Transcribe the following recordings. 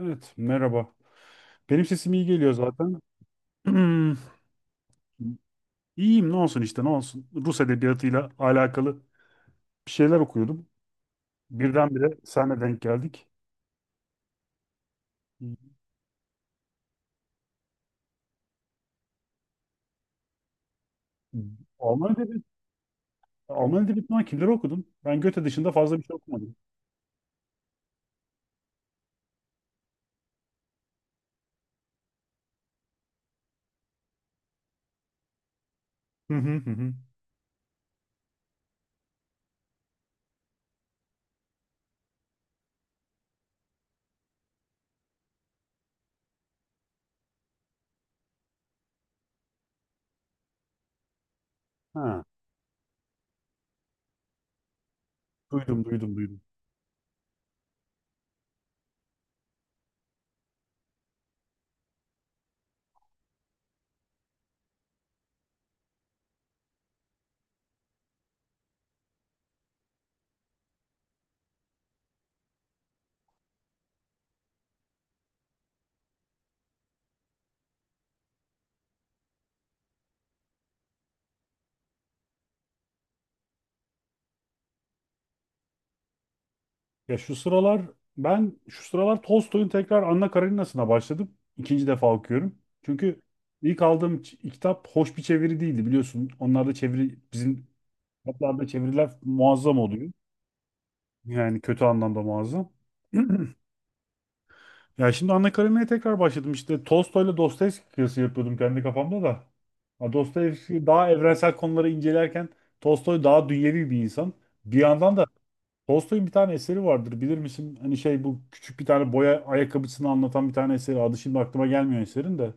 Evet, merhaba. Benim sesim iyi geliyor zaten. Hmm, İyiyim, ne olsun işte, ne olsun. Rus edebiyatıyla alakalı bir şeyler okuyordum. Birdenbire senle denk geldik. Alman edebiyatı, Alman edebiyatından kimleri okudun? Ben Goethe dışında fazla bir şey okumadım. Hı hı hı. Hı. Ha, duydum, duydum, duydum. Ya şu sıralar, ben şu sıralar Tolstoy'un tekrar Anna Karenina'sına başladım. İkinci defa okuyorum. Çünkü ilk aldığım kitap hoş bir çeviri değildi biliyorsun. Onlar da çeviri bizim. Kitaplarda çeviriler muazzam oluyor. Yani kötü anlamda muazzam. Ya şimdi Anna Karenina'ya tekrar başladım. İşte Tolstoy'la Dostoyevski kıyası yapıyordum kendi kafamda da. Ha, Dostoyevski daha evrensel konuları incelerken Tolstoy daha dünyevi bir insan. Bir yandan da Tolstoy'un bir tane eseri vardır. Bilir misin? Hani şey bu küçük bir tane boya ayakkabısını anlatan bir tane eseri. Adı şimdi aklıma gelmiyor eserin de.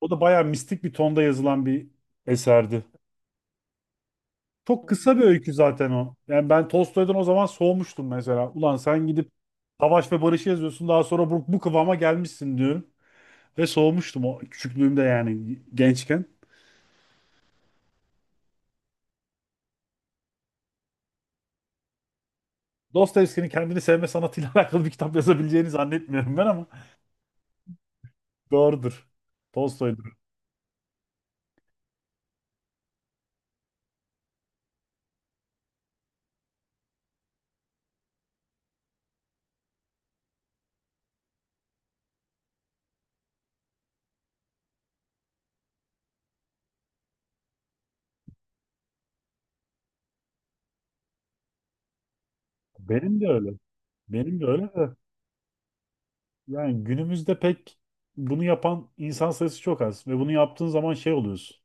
O da bayağı mistik bir tonda yazılan bir eserdi. Çok kısa bir öykü zaten o. Yani ben Tolstoy'dan o zaman soğumuştum mesela. Ulan sen gidip Savaş ve Barış'ı yazıyorsun, daha sonra bu kıvama gelmişsin diyorum. Ve soğumuştum o küçüklüğümde, yani gençken. Dostoyevski'nin kendini sevme sanatıyla alakalı bir kitap yazabileceğini zannetmiyorum ben, ama doğrudur. Tolstoy'dur. Benim de öyle. Benim de öyle de. Yani günümüzde pek bunu yapan insan sayısı çok az. Ve bunu yaptığın zaman şey oluyorsun.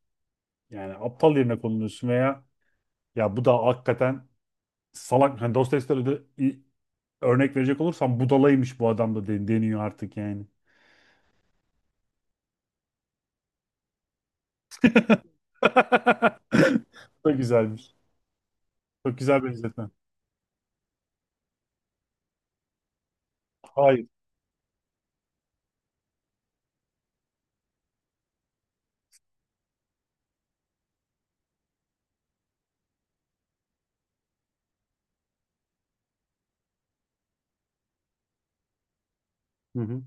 Yani aptal yerine konuluyorsun veya ya bu da hakikaten salak, hani Dostoyevski'de de örnek verecek olursam budalaymış bu adam da deniyor artık yani. Çok güzelmiş. Çok güzel benzetme. Hayır. Hı hı.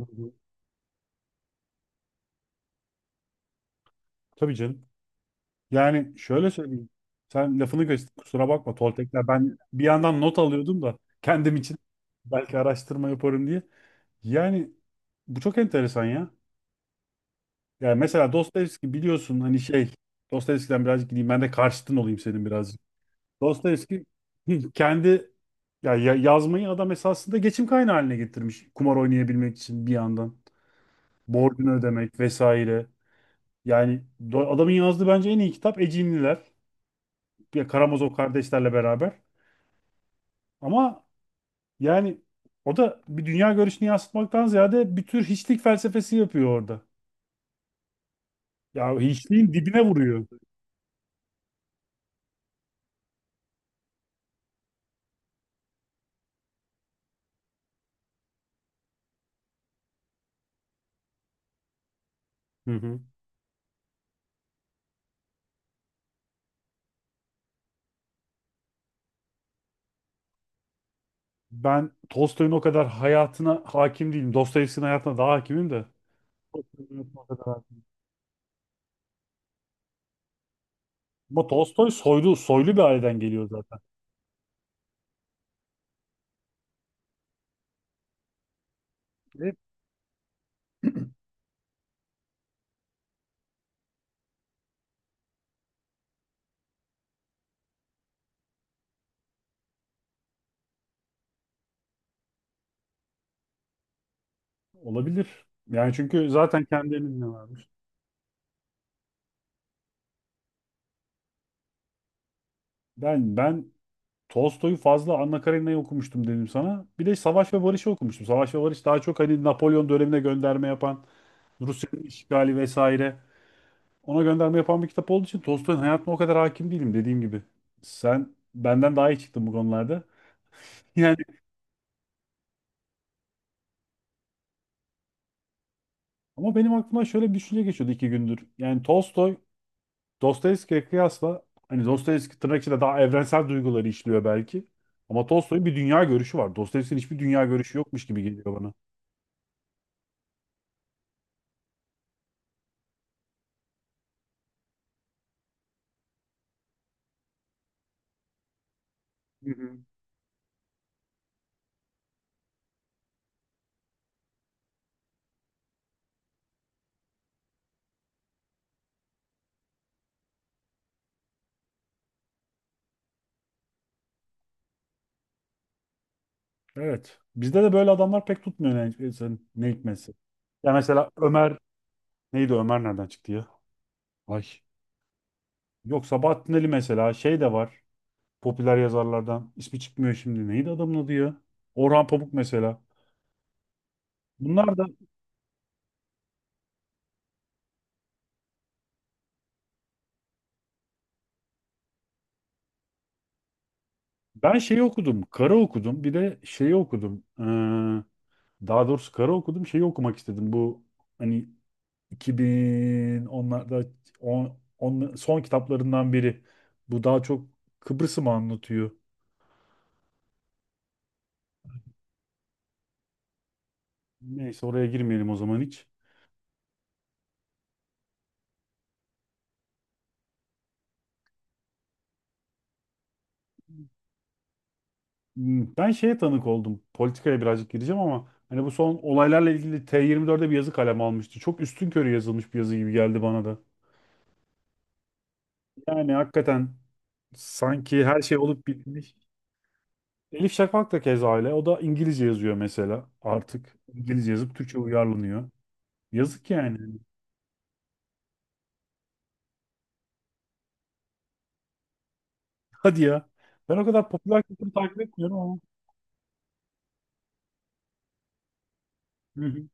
Hı hı. Tabii canım. Yani şöyle söyleyeyim. Sen lafını göster. Kusura bakma Toltekler. Ben bir yandan not alıyordum da kendim için, belki araştırma yaparım diye. Yani bu çok enteresan ya. Yani mesela Dostoyevski, biliyorsun hani şey, Dostoyevski'den birazcık gideyim. Ben de karşıtın olayım senin birazcık. Dostoyevski kendi yazmayı adam esasında geçim kaynağı haline getirmiş. Kumar oynayabilmek için bir yandan. Borcunu ödemek vesaire. Yani adamın yazdığı bence en iyi kitap Ecinliler. Ya Karamazov kardeşlerle beraber. Ama yani o da bir dünya görüşünü yansıtmaktan ziyade bir tür hiçlik felsefesi yapıyor orada. Ya hiçliğin dibine vuruyor. Hı hı. Ben Tolstoy'un o kadar hayatına hakim değilim. Dostoyevski'nin hayatına daha hakimim de. Ama Tolstoy soylu, soylu bir aileden geliyor zaten. E, olabilir. Yani çünkü zaten kendilerinin ne varmış. Ben Tolstoy'u fazla, Anna Karenina'yı okumuştum dedim sana. Bir de Savaş ve Barış'ı okumuştum. Savaş ve Barış daha çok hani Napolyon dönemine gönderme yapan, Rusya'nın işgali vesaire. Ona gönderme yapan bir kitap olduğu için Tolstoy'un hayatına o kadar hakim değilim, dediğim gibi. Sen benden daha iyi çıktın bu konularda. Yani ama benim aklıma şöyle bir düşünce geçiyordu iki gündür. Yani Tolstoy Dostoyevski'ye kıyasla, hani Dostoyevski tırnak içinde daha evrensel duyguları işliyor belki. Ama Tolstoy'un bir dünya görüşü var. Dostoyevski'nin hiçbir dünya görüşü yokmuş gibi geliyor bana. Evet. Bizde de böyle adamlar pek tutmuyor, ne hikmetse. Ya mesela Ömer, neydi Ömer, nereden çıktı ya? Ay. Yok Sabahattin Ali, mesela şey de var. Popüler yazarlardan. İsmi çıkmıyor şimdi. Neydi adamın adı ya? Orhan Pamuk mesela. Bunlar da ben şeyi okudum. Kara okudum. Bir de şeyi okudum. Daha doğrusu kara okudum. Şeyi okumak istedim. Bu hani 2010'larda son kitaplarından biri. Bu daha çok Kıbrıs'ı mı anlatıyor? Neyse oraya girmeyelim o zaman hiç. Ben şeye tanık oldum. Politikaya birazcık gireceğim ama hani bu son olaylarla ilgili T24'de bir yazı kaleme almıştı. Çok üstünkörü yazılmış bir yazı gibi geldi bana da. Yani hakikaten sanki her şey olup bitmiş. Elif Şafak da keza öyle. O da İngilizce yazıyor mesela artık. İngilizce yazıp Türkçe uyarlanıyor. Yazık yani. Hadi ya. Ben o kadar popüler kültürü takip etmiyorum ama. Hı hı.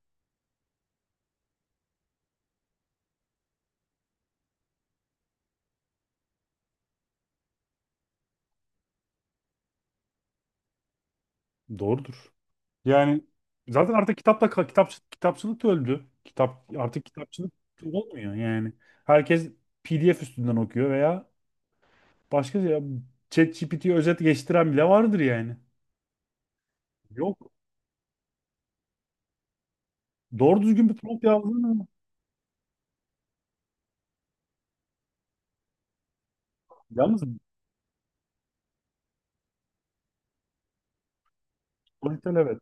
Doğrudur. Yani zaten artık kitapla kitap kitapçılık da öldü. Kitap artık kitapçılık olmuyor yani. Herkes PDF üstünden okuyor veya başka, ya ChatGPT'ye özet geçtiren bile vardır yani. Yok. Doğru düzgün bir prompt yazdın. Yalnız politel, evet.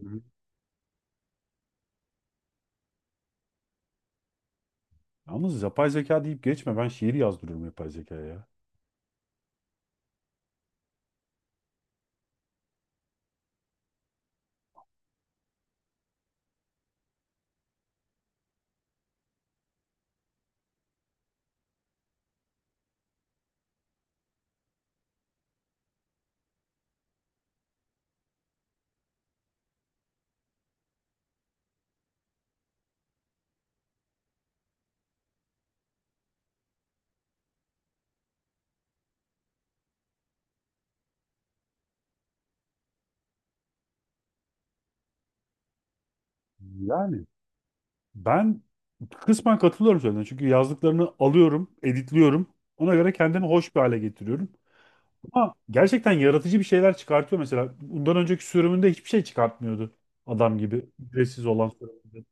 Hı hı. Yalnız yapay zeka deyip geçme. Ben şiir yazdırıyorum yapay zekaya ya. Yani. Ben kısmen katılıyorum söylediğine. Çünkü yazdıklarını alıyorum, editliyorum. Ona göre kendimi hoş bir hale getiriyorum. Ama gerçekten yaratıcı bir şeyler çıkartıyor mesela. Bundan önceki sürümünde hiçbir şey çıkartmıyordu. Adam gibi. Ücretsiz olan sürümünde.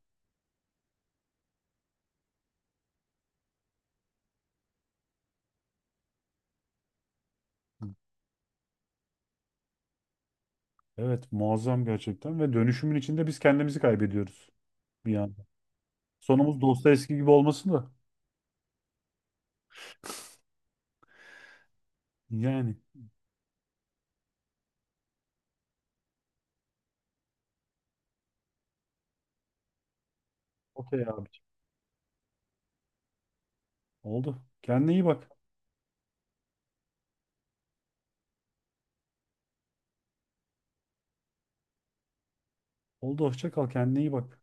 Evet, muazzam gerçekten. Ve dönüşümün içinde biz kendimizi kaybediyoruz bir anda. Sonumuz Dostoyevski gibi olmasın da. Yani. Okey abi. Oldu. Kendine iyi bak. Oldu. Hoşça kal. Kendine iyi bak.